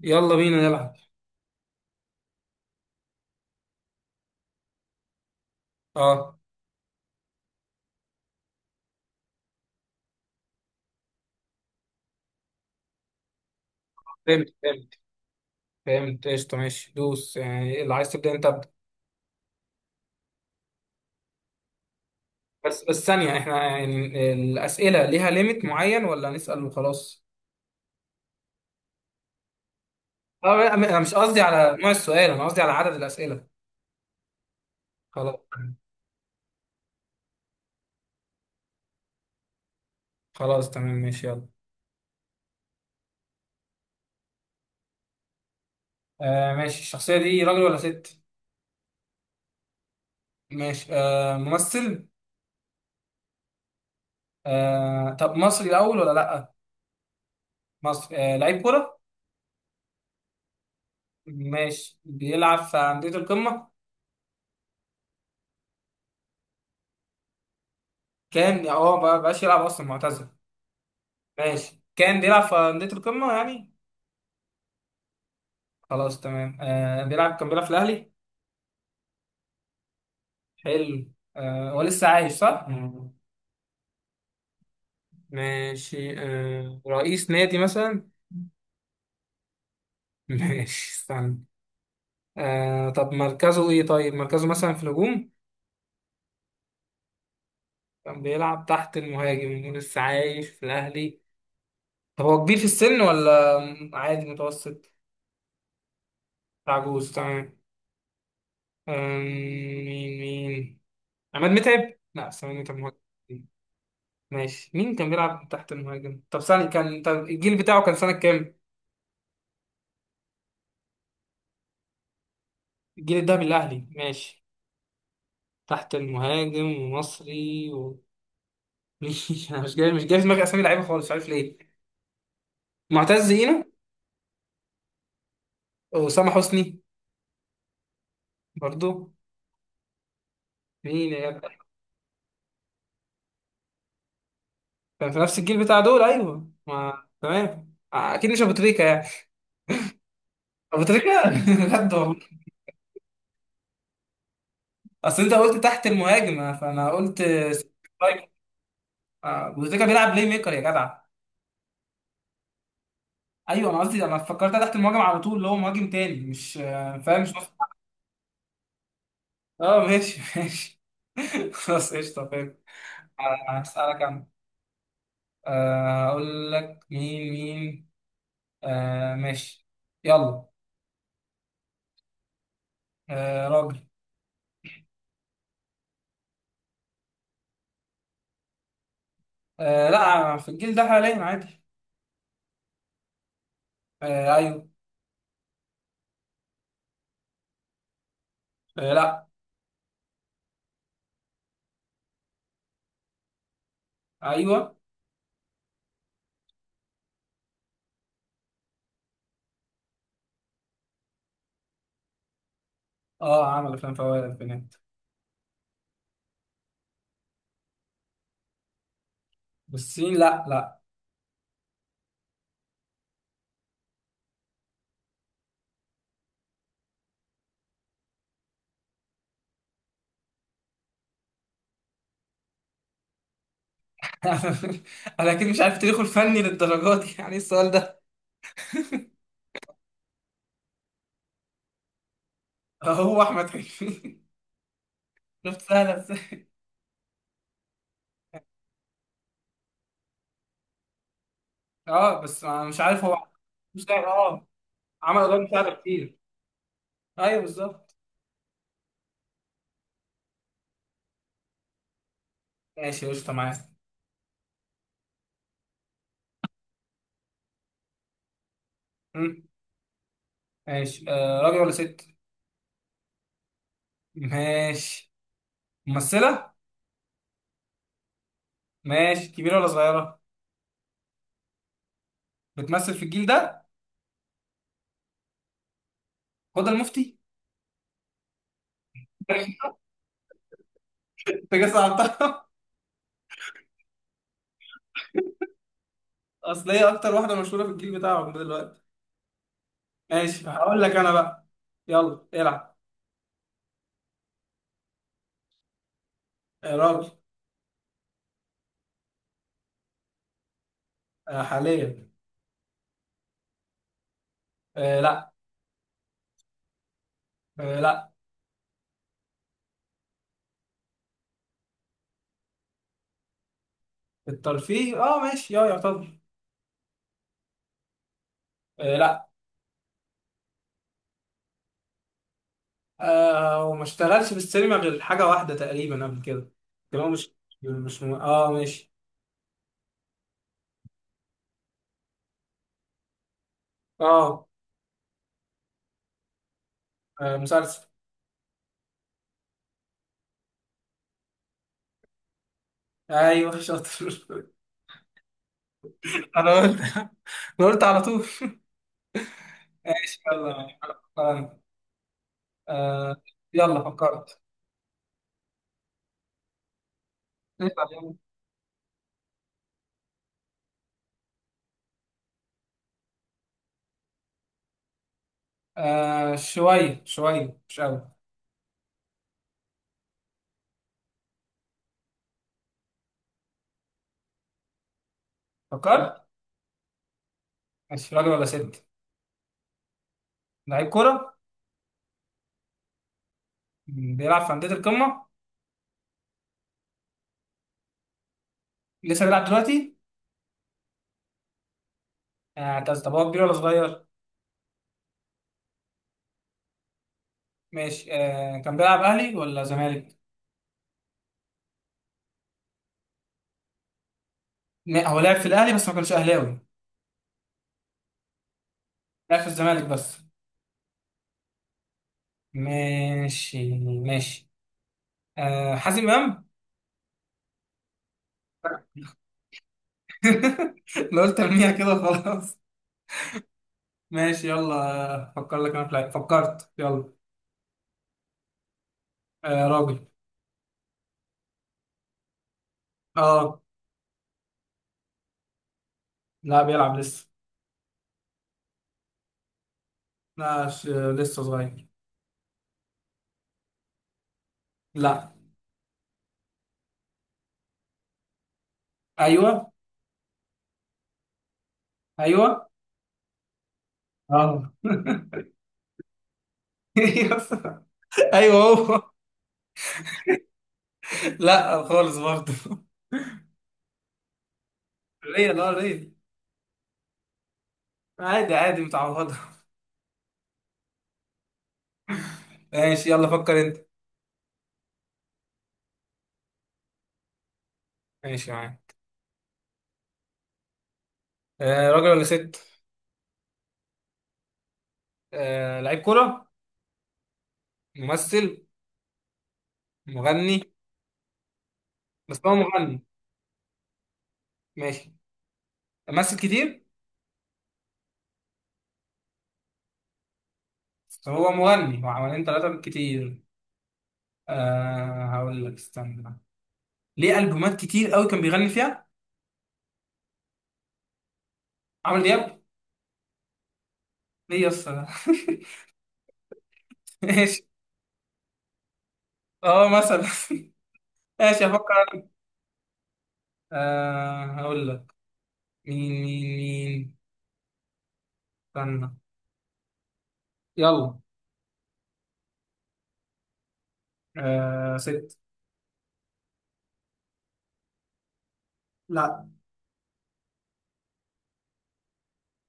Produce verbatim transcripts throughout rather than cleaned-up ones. يلا بينا نلعب. اه، فهمت فهمت فهمت، قشطة، ماشي. دوس، يعني اللي عايز تبدأ انت ابدأ. بس بس ثانية، احنا يعني الأسئلة ليها ليميت معين ولا نسأل وخلاص؟ اه، انا مش قصدي على نوع السؤال، انا قصدي على عدد الأسئلة. خلاص. خلاص تمام، ماشي، يلا. آه ماشي، الشخصية دي راجل ولا ست؟ ماشي. آه ممثل؟ آه طب مصري الأول ولا لأ؟ مصري. آه لعيب كورة؟ ماشي، بيلعب في أندية القمة؟ كان، اه ما بقاش يلعب أصلا، معتزل. ماشي، كان بيلعب في أندية القمة يعني. خلاص تمام، آه بيلعب كان بيلعب في الأهلي. حلو، آه هو لسه عايش صح؟ مم. ماشي، آه رئيس نادي مثلا؟ ماشي، استنى. آه طب مركزه إيه؟ طيب، مركزه مثلا في الهجوم؟ كان بيلعب تحت المهاجم ولسه عايش في الأهلي. طب هو كبير في السن ولا عادي متوسط؟ عجوز؟ تمام. آم، مين مين. عماد متعب؟ لا، بس عماد متعب مهاجم. ماشي، مين كان بيلعب تحت المهاجم؟ طب سنة كان طب الجيل بتاعه كان سنة كام؟ الجيل الذهبي، الأهلي، ماشي. تحت المهاجم، ومصري، و... مش أنا مش جاي مش جاي في دماغي أسامي لعيبة خالص، مش عارف ليه. معتز هنا؟ وأسامة حسني؟ برضو مين يا جدع؟ كان في نفس الجيل بتاع دول، أيوه ما تمام، أكيد مش أبو تريكة يعني. أبو تريكة؟ بجد والله. أصل أنت قلت تحت المهاجم فأنا قلت سترايكر. أبو تريكة بيلعب بلاي ميكر يا جدع. ايوه، انا قصدي انا فكرتها تحت المهاجم على طول، اللي هو مهاجم تاني، مش آه، فاهم، مش نص. اه ماشي ماشي. خلاص قشطه، فاهم. آه، هسألك انا. آه، اقول لك مين مين. آه ماشي، يلا. آه راجل. آه لا، في الجيل ده حاليا عادي. آه ايوه. آه لا. ايوه. اه، عمل افلام فوائد البنات. بالصين؟ لا، لا. انا اكيد مش عارف تاريخه الفني للدرجات دي، يعني إيه السؤال ده؟ هو احمد حلمي. شفت سهله. اه بس انا مش عارف هو. مش عارف، اه عمل قضايا مساعدة كتير. ايوه، بالظبط. ماشي قشطة، معايا. مم. ماشي، آه راجل ولا ست؟ ماشي، ممثلة. ماشي، كبيرة ولا صغيرة؟ بتمثل في الجيل ده؟ هدى المفتي. انت جاي صعبتها. اصل هي اكتر واحدة مشهورة في الجيل بتاعهم ده دلوقتي. ماشي هقول لك انا بقى. يلا العب. آه راجل. آه حاليا. آه لا. آه لا. الترفيه، اه ماشي، اه يعتبر. آه لا. آه وما اشتغلش في السينما غير حاجة واحدة تقريبا قبل كده. كان هو مش، مش م... اه ماشي. اه آه، مسلسل. ايوه شاطر. انا قلت أنا قلت على طول. ماشي يلا. آه آه، يلا فكرت. اسأل يلا. آه، شوية شوية مش قوي. فكرت. ماشي، راجل ولا ست؟ لعيب كورة؟ مم، بيلعب في أندية القمة؟ لسه بيلعب دلوقتي؟ آه طب طب هو كبير ولا صغير؟ ماشي، آه كان بيلعب أهلي ولا زمالك؟ ما- هو لعب في الاهلي بس ما كانش اهلاوي؟ لعب في الزمالك بس. ماشي ماشي. آه، حازم امام. لو قلت ارميها كده. خلاص. ماشي يلا، فكر لك انا في لعيب، فكرت يلا. آه راجل. اه لا، بيلعب لسه. لا، ش- لسه صغير. لا. ايوه. ايوه. اه. ايوه، هو. لا خالص برضه. ريا، لا، ريا. عادي عادي، متعوضه. ماشي، يلا فكر انت. ماشي معاك. آه راجل ولا ست؟ آه، لعيب كرة؟ ممثل؟ مغني؟ بس هو مغني. ماشي. ممثل كتير؟ بس هو مغني، هو حوالين ثلاثة بالكتير. أه هقول لك، استنى بقى. ليه ألبومات كتير قوي كان بيغني فيها؟ عمرو دياب. ليه يا اسطى؟ ماشي. اه، مثلا. ماشي هفكر أنا. أه هقول لك. مين مين مين. استنى. يلا. أه ست. لا.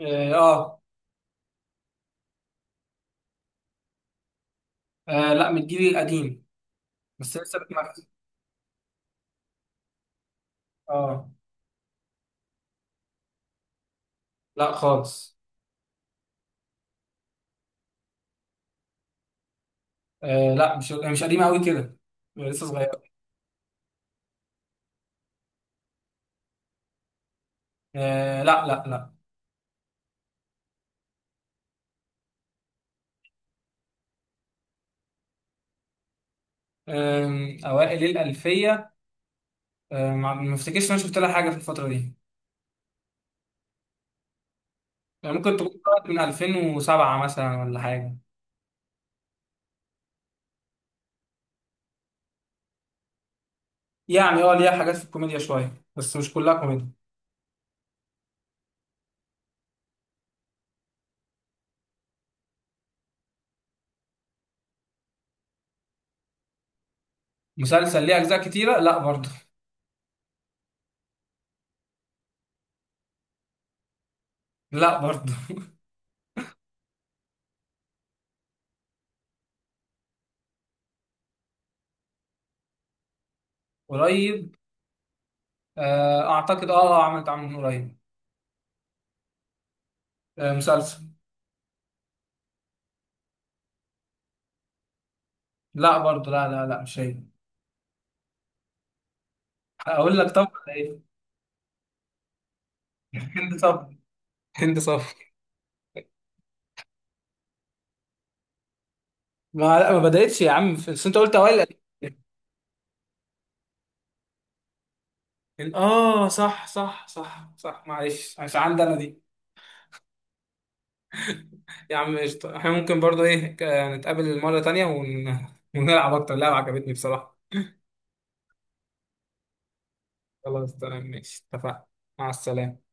اه. آه، لا من الجيل القديم. بس لسه بتنفس. اه. لا خالص. آه لا، مش مش قديمة قوي كده. لسه صغير. آه لا، لا، لا. آم، أوائل الألفية. آه ما ما افتكرش إن أنا شفت لها حاجة في الفترة دي. يعني ممكن تكون طلعت من ألفين وسبعة مثلا ولا حاجة. يعني اه ليها حاجات في الكوميديا شوية، بس مش كلها كوميديا. مسلسل ليه أجزاء كتيرة؟ لا برضه. لا برضه. قريب. آه أعتقد، اه آه، عملت عمل من قريب. آه، مسلسل. لا برضه، لا، لا، لا، مش هي. أقول لك طب ولا إيه؟ هند صبري. هند صبري. ما لا، ما بدأتش يا عم بس انت قلت اوائل الألفينات. اه، صح صح صح صح، معلش مش عندي انا دي. يا عم قشطة، احنا ممكن برضو ايه ك- نتقابل مرة تانية ون... ونلعب اكتر، لعبة عجبتني بصراحة. خلاص تمام ماشي، اتفقنا. مع السلامة.